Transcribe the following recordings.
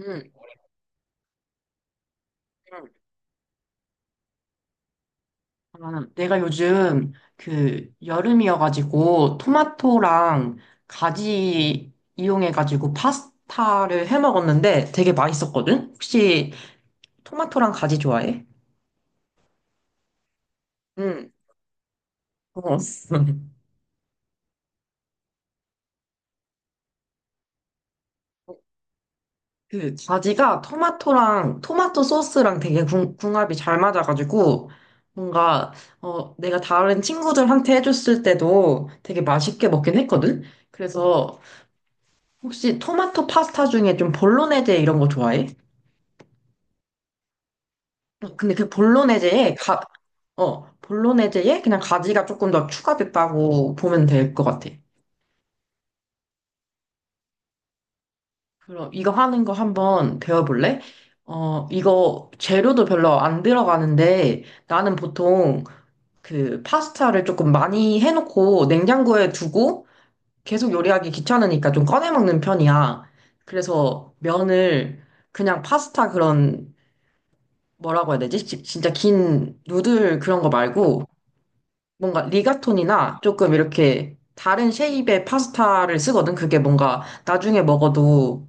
음, 아, 내가 요즘 그 여름이어가지고 토마토랑 가지 이용해가지고 파스타를 해 먹었는데 되게 맛있었거든? 혹시 토마토랑 가지 좋아해? 응. 어. 그 가지가 토마토랑 토마토 소스랑 되게 궁합이 잘 맞아가지고 뭔가 내가 다른 친구들한테 해줬을 때도 되게 맛있게 먹긴 했거든? 그래서 혹시 토마토 파스타 중에 좀 볼로네제 이런 거 좋아해? 근데 그 볼로네제에 볼로네제에 그냥 가지가 조금 더 추가됐다고 보면 될 것 같아. 그럼 이거 하는 거 한번 배워볼래? 이거 재료도 별로 안 들어가는데 나는 보통 그 파스타를 조금 많이 해놓고 냉장고에 두고 계속 요리하기 귀찮으니까 좀 꺼내 먹는 편이야. 그래서 면을 그냥 파스타 그런 뭐라고 해야 되지? 진짜 긴 누들 그런 거 말고 뭔가 리가톤이나 조금 이렇게 다른 쉐입의 파스타를 쓰거든. 그게 뭔가 나중에 먹어도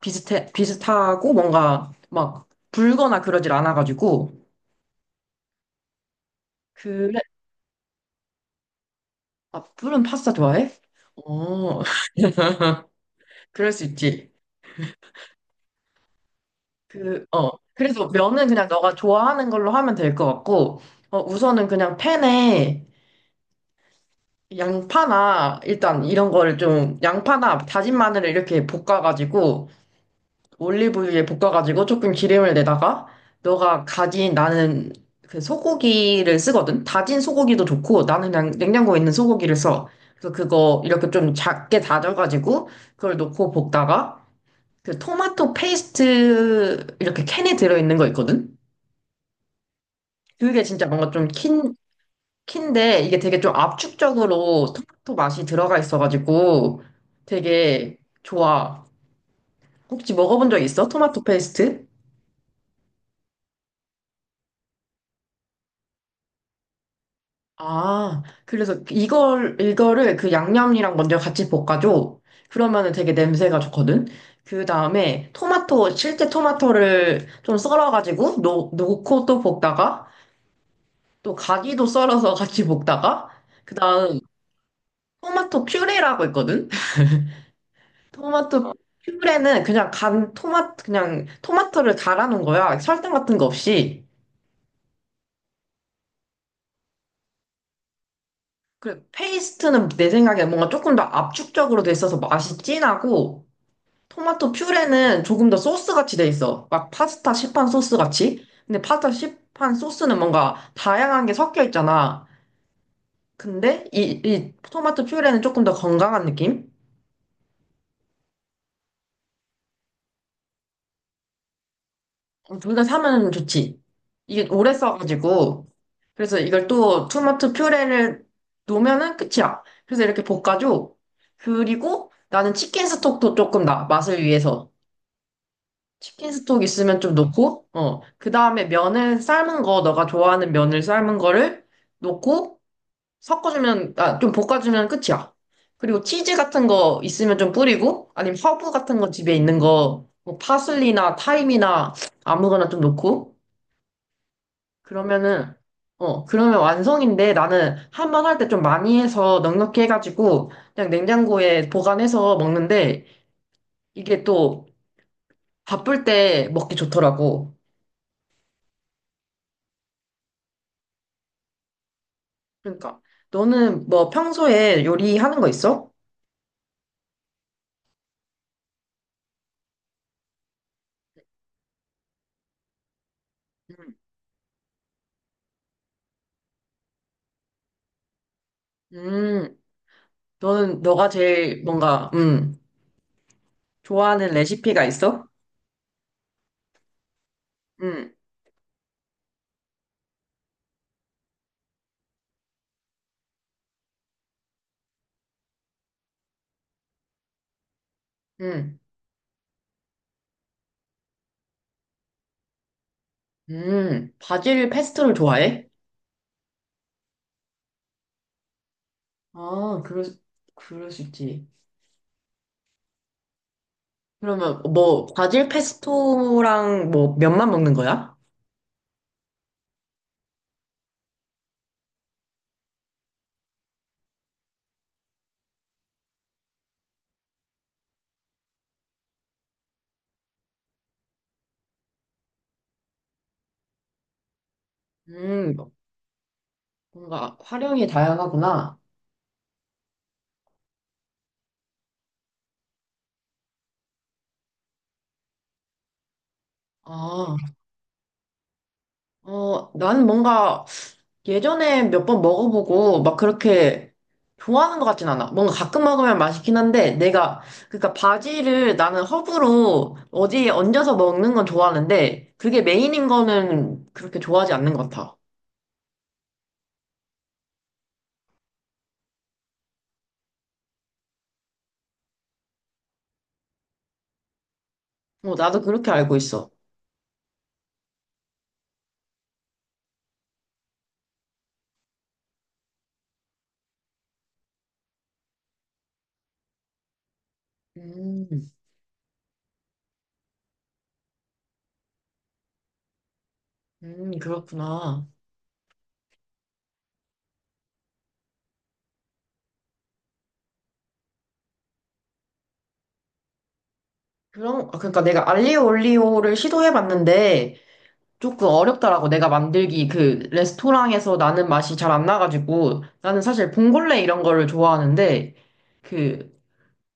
비슷하고 뭔가 막 불거나 그러질 않아가지고. 그래, 아, 불은 파스타 좋아해? 어. 그럴 수 있지. 그래서 면은 그냥 너가 좋아하는 걸로 하면 될 것 같고, 우선은 그냥 팬에 양파나 일단 이런 거를 좀 양파나 다진 마늘을 이렇게 볶아가지고 올리브유에 볶아가지고 조금 기름을 내다가 너가 가진 나는 그 소고기를 쓰거든. 다진 소고기도 좋고 나는 그냥 냉장고에 있는 소고기를 써. 그래서 그거 이렇게 좀 작게 다져가지고 그걸 넣고 볶다가 그 토마토 페이스트 이렇게 캔에 들어있는 거 있거든. 그게 진짜 뭔가 좀 인데 이게 되게 좀 압축적으로 토마토 맛이 들어가 있어가지고 되게 좋아. 혹시 먹어본 적 있어? 토마토 페이스트? 아, 그래서 이거를 그 양념이랑 먼저 같이 볶아줘. 그러면은 되게 냄새가 좋거든? 그 다음에 토마토, 실제 토마토를 좀 썰어가지고 놓고 또 볶다가 또 가지도 썰어서 같이 볶다가 그 다음 토마토 퓨레라고 있거든? 토마토 퓨브레는 그냥 간 토마토 그냥 토마토를 갈아 놓은 거야. 설탕 같은 거 없이. 그 페이스트는 내 생각에 뭔가 조금 더 압축적으로 돼 있어서 맛이 진하고 토마토 퓨레는 조금 더 소스 같이 돼 있어. 막 파스타 시판 소스 같이. 근데 파스타 시판 소스는 뭔가 다양한 게 섞여 있잖아. 근데 이 토마토 퓨레는 조금 더 건강한 느낌? 어, 둘다 사면 좋지. 이게 오래 써가지고. 그래서 이걸 또 토마토 퓨레를 놓으면은 끝이야. 그래서 이렇게 볶아줘. 그리고 나는 치킨 스톡도 조금 맛을 위해서. 치킨 스톡 있으면 좀 넣고, 어. 그 다음에 면을 삶은 거, 너가 좋아하는 면을 삶은 거를 넣고, 섞어주면, 아, 좀 볶아주면 끝이야. 그리고 치즈 같은 거 있으면 좀 뿌리고, 아니면 허브 같은 거 집에 있는 거, 뭐 파슬리나 타임이나 아무거나 좀 넣고, 그러면은, 그러면 완성인데 나는 한 번 할 때 좀 많이 해서 넉넉히 해가지고 그냥 냉장고에 보관해서 먹는데 이게 또 바쁠 때 먹기 좋더라고. 그러니까 너는 뭐 평소에 요리하는 거 있어? 음, 음, 너는 너가 제일 뭔가 좋아하는 레시피가 있어? 음, 음, 바질 페스토를 좋아해? 아, 그럴 수 있지. 그러면 뭐 바질 페스토랑 뭐 면만 먹는 거야? 음, 뭔가 활용이 다양하구나. 아, 나는 뭔가 예전에 몇 번 먹어보고 막 그렇게 좋아하는 것 같진 않아. 뭔가 가끔 먹으면 맛있긴 한데 내가 그러니까 바지를 나는 허브로 어디에 얹어서 먹는 건 좋아하는데 그게 메인인 거는 그렇게 좋아하지 않는 것 같아. 어, 나도 그렇게 알고 있어. 음, 그렇구나. 아, 그러니까 내가 알리오 올리오를 시도해봤는데 조금 어렵더라고. 내가 만들기 그 레스토랑에서 나는 맛이 잘 안 나가지고 나는 사실 봉골레 이런 거를 좋아하는데 그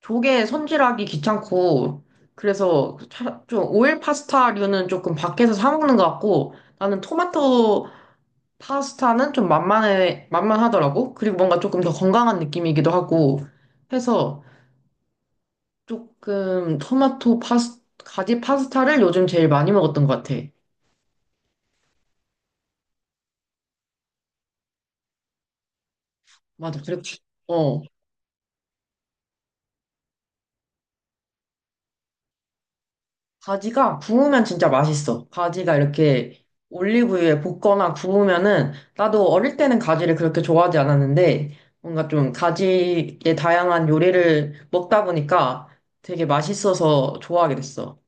조개 손질하기 귀찮고 그래서 좀 오일 파스타류는 조금 밖에서 사 먹는 것 같고 나는 토마토 파스타는 좀 만만하더라고. 그리고 뭔가 조금 더 건강한 느낌이기도 하고 해서 조금 토마토 파스 가지 파스타를 요즘 제일 많이 먹었던 것 같아. 맞아. 그리고 어 가지가 구우면 진짜 맛있어. 가지가 이렇게 올리브유에 볶거나 구우면은 나도 어릴 때는 가지를 그렇게 좋아하지 않았는데 뭔가 좀 가지의 다양한 요리를 먹다 보니까 되게 맛있어서 좋아하게 됐어.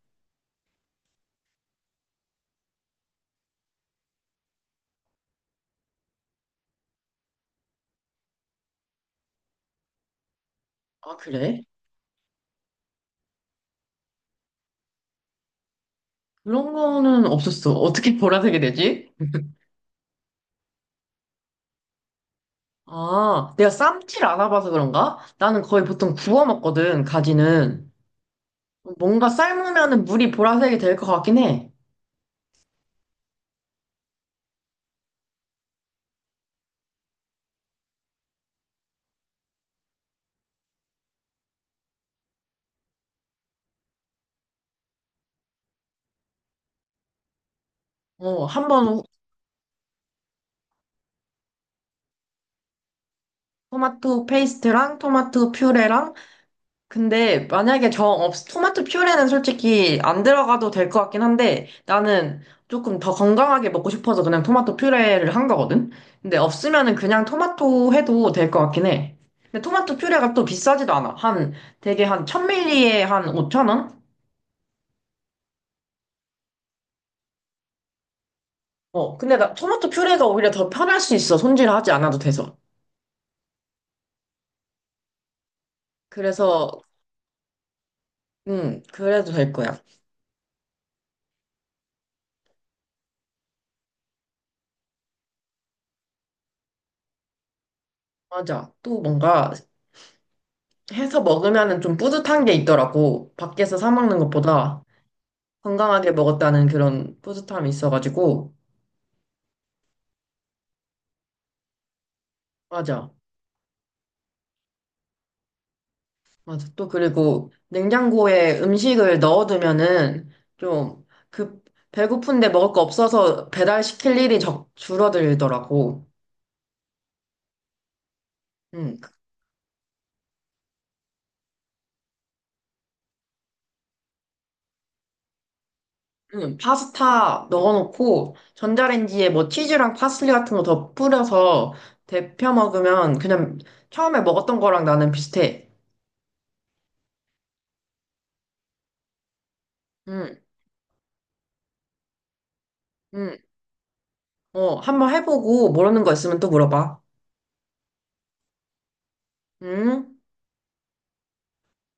아, 그래? 그런 거는 없었어. 어떻게 보라색이 되지? 아, 내가 쌈티를 안 와봐서 그런가? 나는 거의 보통 구워 먹거든, 가지는. 뭔가 삶으면은 물이 보라색이 될 것 같긴 해. 어, 한번 토마토 페이스트랑 토마토 퓨레랑. 근데 만약에 정 토마토 퓨레는 솔직히 안 들어가도 될 것 같긴 한데 나는 조금 더 건강하게 먹고 싶어서 그냥 토마토 퓨레를 한 거거든? 근데 없으면은 그냥 토마토 해도 될 것 같긴 해. 근데 토마토 퓨레가 또 비싸지도 않아. 한 되게 한 1000ml에 한 5,000원? 어, 근데 나 토마토 퓨레가 오히려 더 편할 수 있어. 손질하지 않아도 돼서. 그래서, 그래도 될 거야. 맞아. 또 뭔가 해서 먹으면은 좀 뿌듯한 게 있더라고. 밖에서 사 먹는 것보다 건강하게 먹었다는 그런 뿌듯함이 있어가지고. 맞아. 맞아. 또 그리고 냉장고에 음식을 넣어두면은 좀 그 배고픈데 먹을 거 없어서 배달시킬 일이 줄어들더라고. 음. 응, 파스타 넣어놓고 전자레인지에 뭐 치즈랑 파슬리 같은 거 더 뿌려서 데펴 먹으면 그냥 처음에 먹었던 거랑 나는 비슷해. 응, 응. 어, 한번 해보고 모르는 거 있으면 또 물어봐. 응?